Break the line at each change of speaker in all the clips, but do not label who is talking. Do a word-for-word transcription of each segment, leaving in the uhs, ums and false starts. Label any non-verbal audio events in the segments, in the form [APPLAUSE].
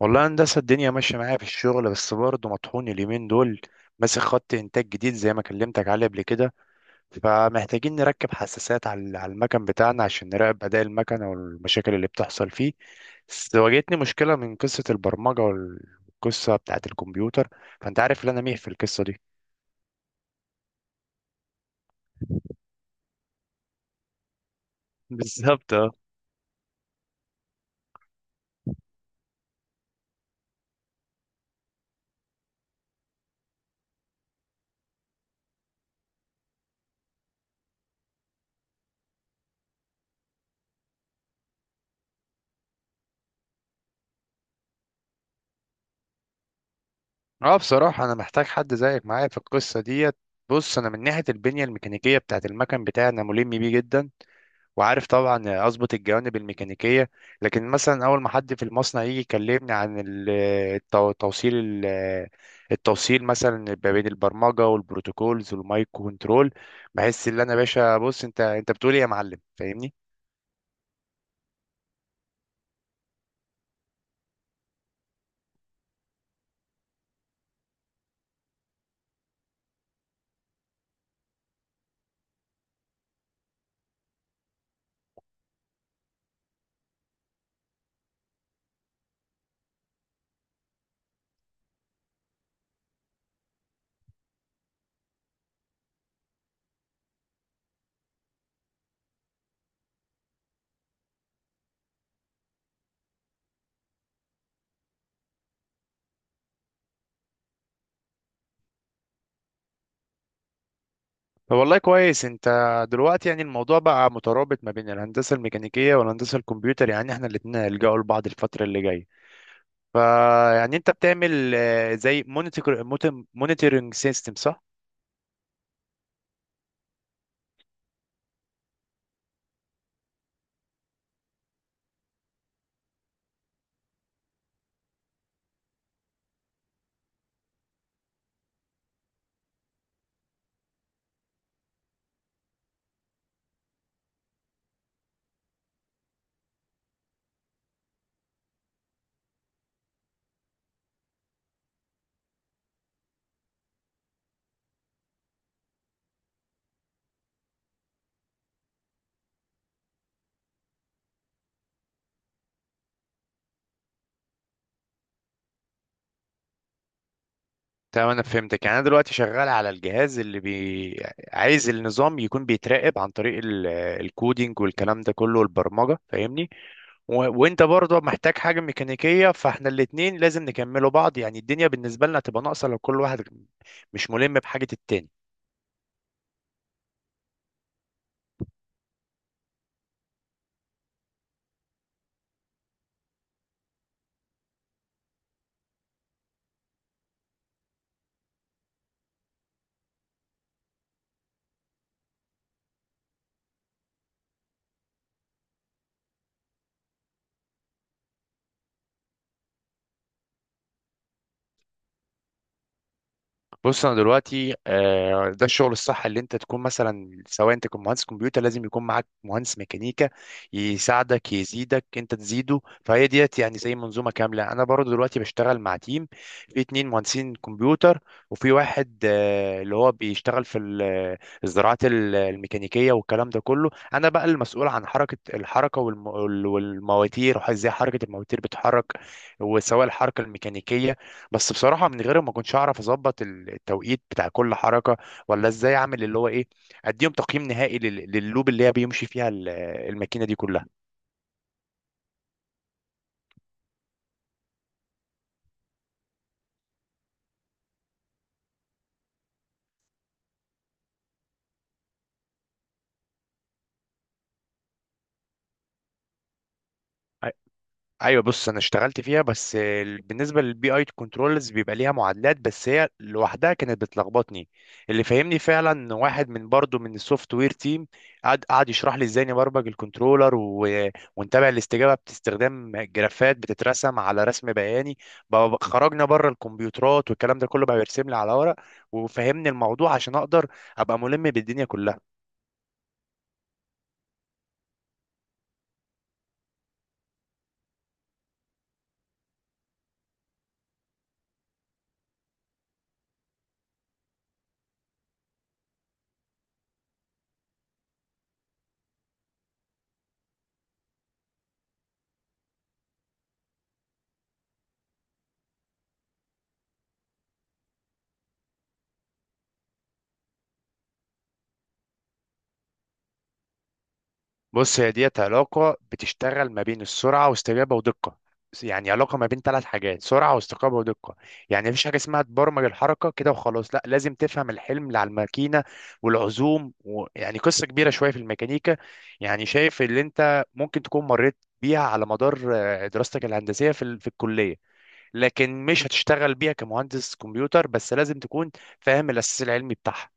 والله هندسة الدنيا ماشية معايا في الشغل، بس برضه مطحون اليومين دول. ماسك خط إنتاج جديد زي ما كلمتك عليه قبل كده، فمحتاجين نركب حساسات على على المكن بتاعنا عشان نراقب أداء المكن والمشاكل اللي بتحصل فيه. بس واجهتني مشكلة من قصة البرمجة والقصة بتاعة الكمبيوتر، فأنت عارف إن أنا ميه في القصة دي. [LAUGHS] بالظبط اه. اه، بصراحة أنا محتاج حد زيك معايا في القصة ديت. بص أنا من ناحية البنية الميكانيكية بتاعة المكن بتاعي أنا ملم بيه جدا، وعارف طبعا اظبط الجوانب الميكانيكيه. لكن مثلا اول ما حد في المصنع يجي يكلمني عن ال- التو- توصيل ال- التوصيل مثلا ما بين البرمجه والبروتوكولز والمايكرو كنترول، بحس ان انا يا باشا. بص، انت انت بتقول ايه يا معلم؟ فاهمني؟ فوالله كويس انت. دلوقتي يعني الموضوع بقى مترابط ما بين الهندسه الميكانيكيه والهندسه الكمبيوتر، يعني احنا الاثنين هنلجأوا لبعض الفتره اللي جايه. فيعني انت بتعمل آه، زي مونيتور، مونيتورنج سيستم، صح؟ تمام، انا فهمتك. يعني انا دلوقتي شغال على الجهاز اللي بي... عايز النظام يكون بيتراقب عن طريق ال... الكودينج والكلام ده كله والبرمجه، فاهمني؟ و... وانت برضه محتاج حاجه ميكانيكيه، فاحنا الاتنين لازم نكملوا بعض، يعني الدنيا بالنسبه لنا تبقى ناقصه لو كل واحد مش ملم بحاجه التاني. بص انا دلوقتي، آه، ده الشغل الصح، اللي انت تكون مثلا سواء انت كنت مهندس كمبيوتر لازم يكون معاك مهندس ميكانيكا يساعدك، يزيدك انت تزيده، فهي ديت يعني زي منظومه كامله. انا برضو دلوقتي بشتغل مع تيم، في اتنين مهندسين كمبيوتر، وفي واحد آه، اللي هو بيشتغل في ال- الزراعات ال- الميكانيكيه والكلام ده كله. انا بقى المسؤول عن حركه الحركه والم- وال- والمواتير وازاي حركه المواتير بتتحرك، وسواء الحركه الميكانيكيه. بس بصراحة من غيره ما كنتش أعرف أظبط ال- التوقيت بتاع كل حركة، ولا إزاي أعمل اللي هو إيه، أديهم تقييم نهائي لل- لللوب اللي هي بيمشي فيها ال- الماكينة دي كلها. ايوه. بص انا اشتغلت فيها، بس ال- بالنسبه للبي اي كنترولز بيبقى ليها معادلات، بس هي لوحدها كانت بتلخبطني. اللي فهمني فعلا إن واحد من برضه من السوفت وير تيم قعد قعد يشرح لي ازاي نبرمج الكنترولر، و... ونتابع الاستجابه باستخدام جرافات بتترسم على رسم بياني. بقى بقى خرجنا بره الكمبيوترات والكلام ده كله، بقى بيرسم لي على ورق وفهمني الموضوع عشان اقدر ابقى ملم بالدنيا كلها. بص هي ديت علاقة بتشتغل ما بين السرعة واستجابة ودقة، يعني علاقة ما بين ثلاث حاجات، سرعة واستجابة ودقة. يعني مفيش حاجة اسمها تبرمج الحركة كده وخلاص، لا لازم تفهم الحلم اللي على الماكينة والعزوم و... يعني قصة كبيرة شوية في الميكانيكا. يعني شايف اللي انت ممكن تكون مريت بيها على مدار آه، دراستك الهندسية في ال... في الكلية، لكن مش هتشتغل بيها كمهندس كمبيوتر، بس لازم تكون فاهم الأساس العلمي بتاعها.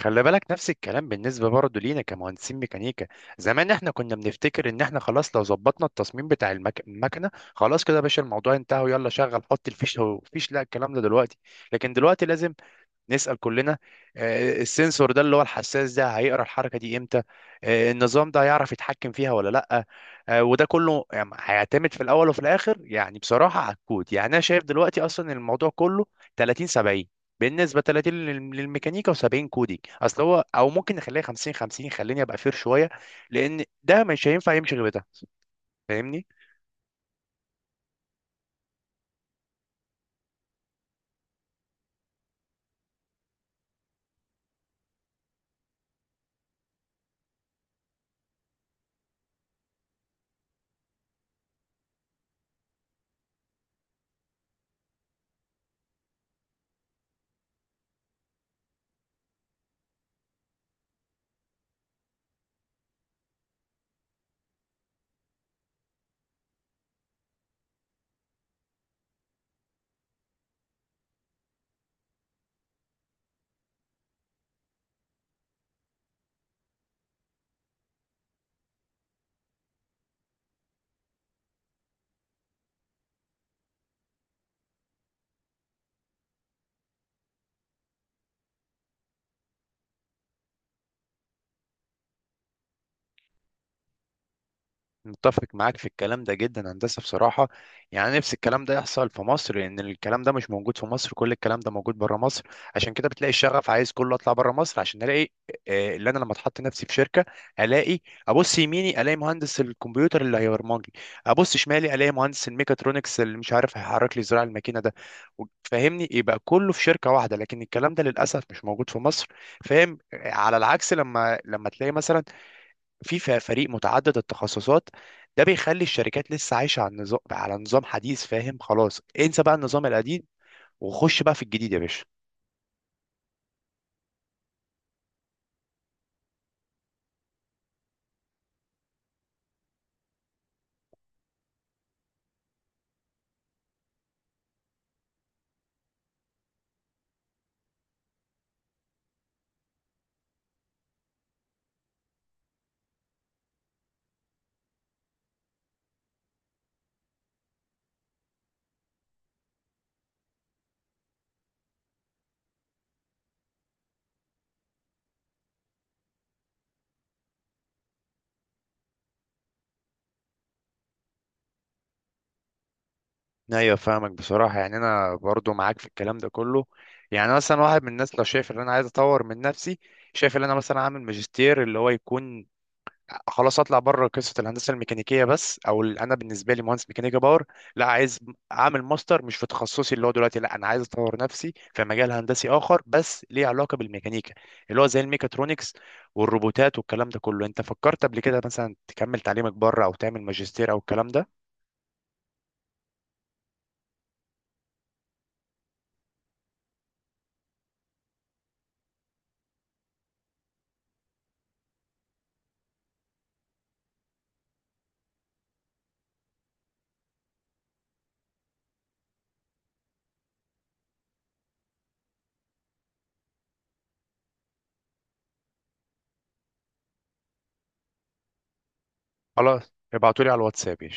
خلي بالك نفس الكلام بالنسبة برضه لينا كمهندسين ميكانيكا، زمان احنا كنا بنفتكر ان احنا خلاص لو ظبطنا التصميم بتاع المك... المكنة خلاص كده يا باشا، الموضوع انتهى ويلا شغل، حط الفيش هو فيش. لا، الكلام ده دلوقتي، لكن دلوقتي لازم نسأل كلنا، آه، السنسور ده اللي هو الحساس ده هيقرأ الحركة دي امتى؟ آه، النظام ده هيعرف يتحكم فيها ولا لأ؟ آه، وده كله يعني هيعتمد في الأول وفي الآخر، يعني بصراحة على الكود. يعني أنا شايف دلوقتي أصلا الموضوع كله تلاتين سبعين، بالنسبة تلاتين لل- للميكانيكا وسبعين كودينج. أصل هو أو ممكن نخليها خمسين خمسين، خليني أبقى فير شوية، لأن ده مش هينفع يمشي غير ده. فاهمني؟ متفق معاك في الكلام ده جدا. هندسة بصراحة، يعني نفس الكلام ده يحصل في مصر، لأن الكلام ده مش موجود في مصر، كل الكلام ده موجود بره مصر. عشان كده بتلاقي الشغف عايز كله أطلع بره مصر، عشان ألاقي آه، اللي أنا لما أتحط نفسي في شركة، ألاقي أبص يميني ألاقي مهندس الكمبيوتر اللي هيبرمج لي، أبص شمالي ألاقي مهندس الميكاترونكس اللي مش عارف هيحرك لي زراع الماكينة ده، و- فاهمني؟ يبقى كله في شركة واحدة، لكن الكلام ده للأسف مش موجود في مصر، فاهم؟ على العكس، لما لما تلاقي مثلا في ف- فريق متعدد التخصصات، ده بيخلي الشركات لسه عايشه على النظام، على نظام حديث، فاهم؟ خلاص انسى بقى النظام القديم وخش بقى في الجديد يا باشا. ايوه فاهمك بصراحه. يعني انا برضو معاك في الكلام ده كله، يعني أنا مثلا واحد من الناس لو شايف ان انا عايز اطور من نفسي، شايف ان انا مثلا اعمل ماجستير اللي هو يكون خلاص اطلع بره قصه الهندسه الميكانيكيه بس، او ال- انا بالنسبه لي مهندس ميكانيكا باور، لا عايز اعمل ماستر مش في تخصصي اللي هو دلوقتي، لا انا عايز اطور نفسي في مجال هندسي اخر بس ليه علاقه بالميكانيكا، اللي هو زي الميكاترونكس والروبوتات والكلام ده كله. انت فكرت قبل كده مثلا تكمل تعليمك بره او تعمل ماجستير او الكلام ده؟ خلاص ابعتولي على الواتساب يا